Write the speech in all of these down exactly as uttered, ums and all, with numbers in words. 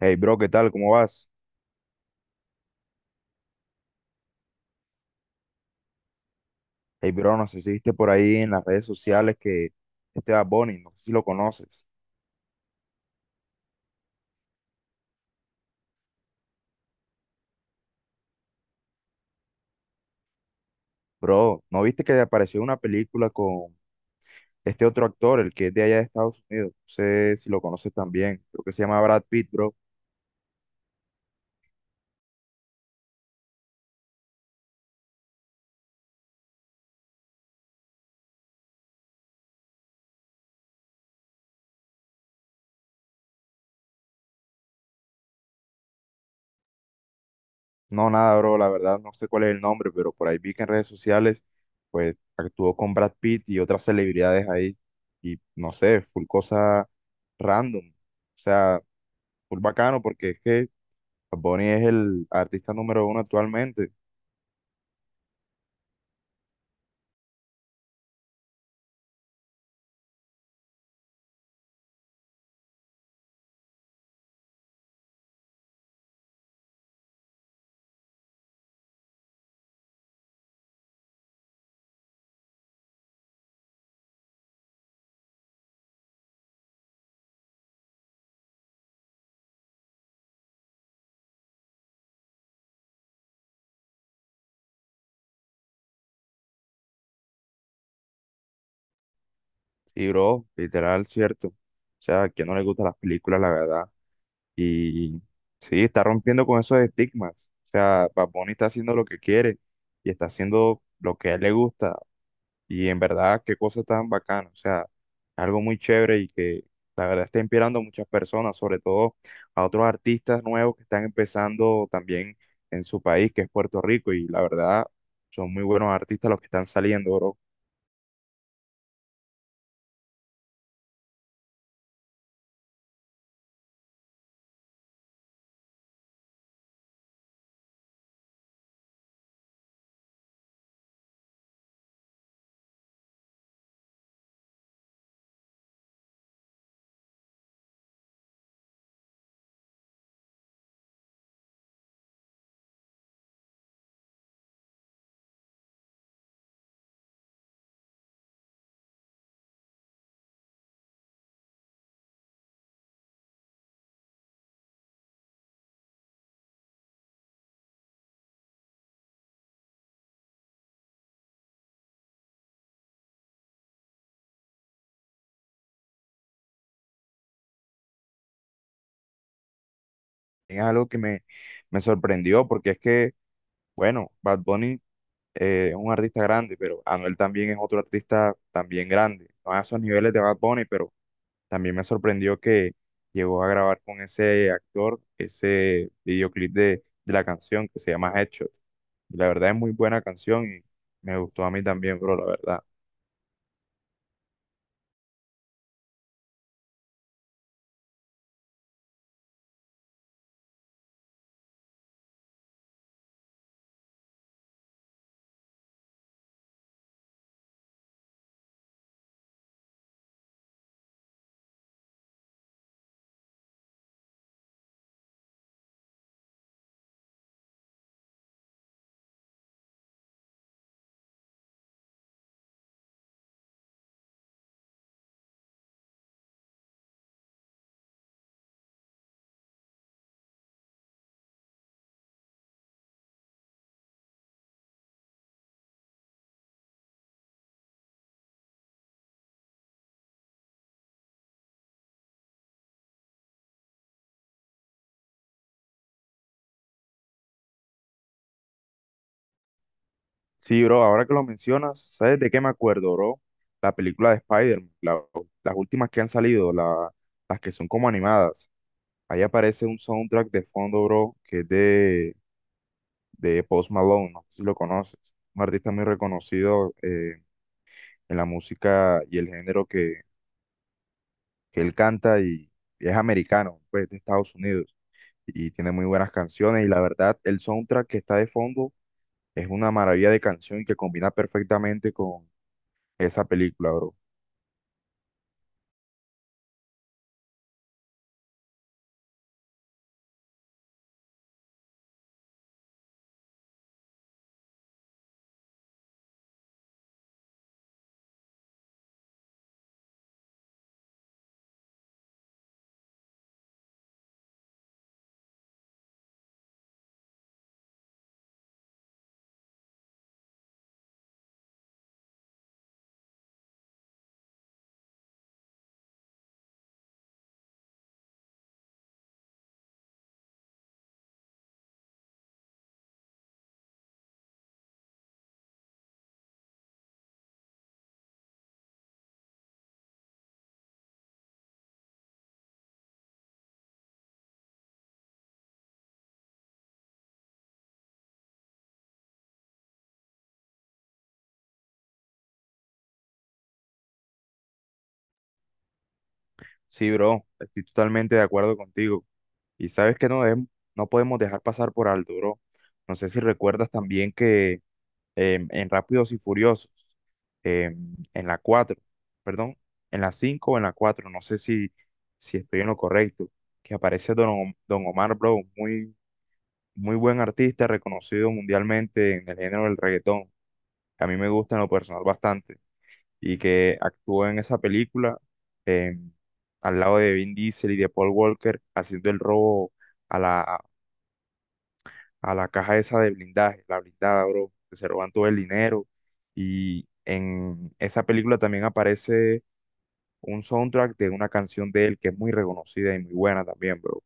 Hey bro, ¿qué tal? ¿Cómo vas? Hey bro, no sé si viste por ahí en las redes sociales que este Bad Bunny, no sé si lo conoces. Bro, ¿no viste que apareció una película con este otro actor, el que es de allá de Estados Unidos? No sé si lo conoces también. Creo que se llama Brad Pitt, bro. No, nada, bro, la verdad no sé cuál es el nombre, pero por ahí vi que en redes sociales, pues actuó con Brad Pitt y otras celebridades ahí. Y no sé, full cosa random. O sea, full bacano porque es que Bad Bunny es el artista número uno actualmente. Sí bro, literal, cierto. O sea, a quien no le gustan las películas, la verdad. Y sí, está rompiendo con esos estigmas. O sea, Bad Bunny está haciendo lo que quiere y está haciendo lo que a él le gusta. Y en verdad, qué cosa tan bacana. O sea, algo muy chévere y que la verdad está inspirando a muchas personas, sobre todo a otros artistas nuevos que están empezando también en su país, que es Puerto Rico. Y la verdad, son muy buenos artistas los que están saliendo, bro. Es algo que me, me sorprendió, porque es que, bueno, Bad Bunny eh, es un artista grande, pero Anuel también es otro artista también grande, no a esos niveles de Bad Bunny, pero también me sorprendió que llegó a grabar con ese actor ese videoclip de, de la canción que se llama Headshot. Y la verdad es muy buena canción y me gustó a mí también, bro, la verdad. Sí, bro, ahora que lo mencionas, ¿sabes de qué me acuerdo, bro? La película de Spider-Man, la- las últimas que han salido, la- las que son como animadas. Ahí aparece un soundtrack de fondo, bro, que es de, de Post Malone, no sé si lo conoces. Un artista muy reconocido eh, en la música y el género que, que él canta y, y es americano, pues de Estados Unidos. Y tiene muy buenas canciones y la verdad, el soundtrack que está de fondo es una maravilla de canción y que combina perfectamente con esa película, bro. Sí, bro, estoy totalmente de acuerdo contigo. Y sabes que no, deb- no podemos dejar pasar por alto, bro. No sé si recuerdas también que em, en Rápidos y Furiosos, em, en la cuatro perdón, en la cinco o en la cuatro no sé si, si estoy en lo correcto, que aparece Don, Om- Don Omar Brown, muy, muy buen artista, reconocido mundialmente en el género del reggaetón, que a mí me gusta en lo personal bastante, y que actuó en esa película em, al lado de Vin Diesel y de Paul Walker haciendo el robo a la caja esa de blindaje, la blindada, bro, que se roban todo el dinero. Y en esa película también aparece un soundtrack de una canción de él que es muy reconocida y muy buena también, bro.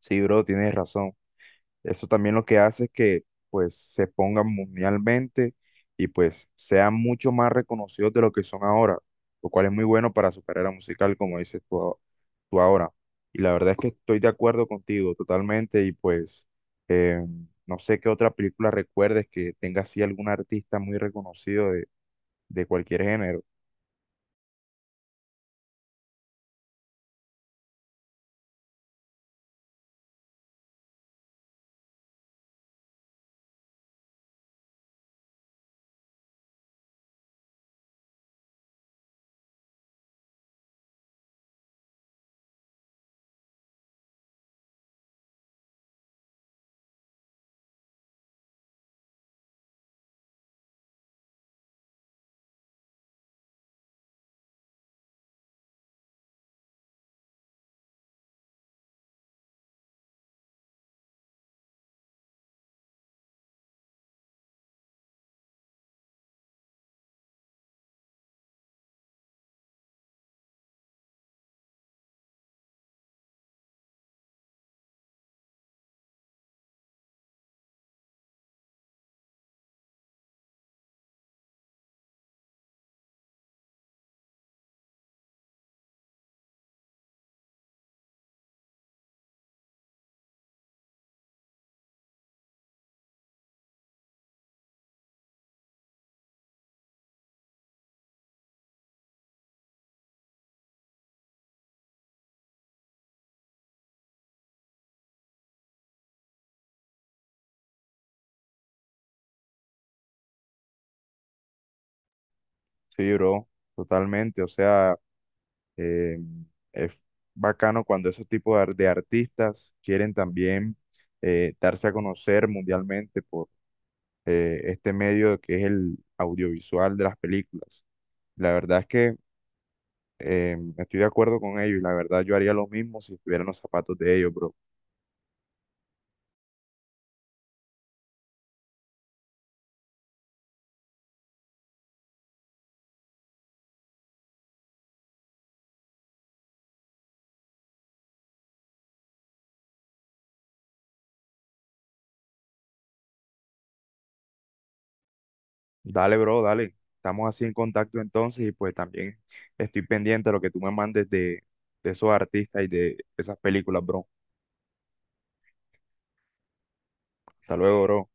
Sí, bro, tienes razón. Eso también lo que hace es que pues se pongan mundialmente y pues sean mucho más reconocidos de lo que son ahora, lo cual es muy bueno para su carrera musical, como dices tú, a- tú ahora. Y la verdad es que estoy de acuerdo contigo totalmente y pues eh, no sé qué otra película recuerdes que tenga así algún artista muy reconocido de, de cualquier género. Sí, bro, totalmente. O sea... Eh, es bacano cuando esos tipos de, ar- de artistas quieren también eh, darse a conocer mundialmente por eh, este medio que es el audiovisual de las películas. La verdad es que eh, estoy de acuerdo con ellos y la verdad yo haría lo mismo si estuviera en los zapatos de ellos, bro. Dale, bro, dale. Estamos así en contacto entonces y pues también estoy pendiente de lo que tú me mandes de, de esos artistas y de esas películas, bro. Hasta luego, bro.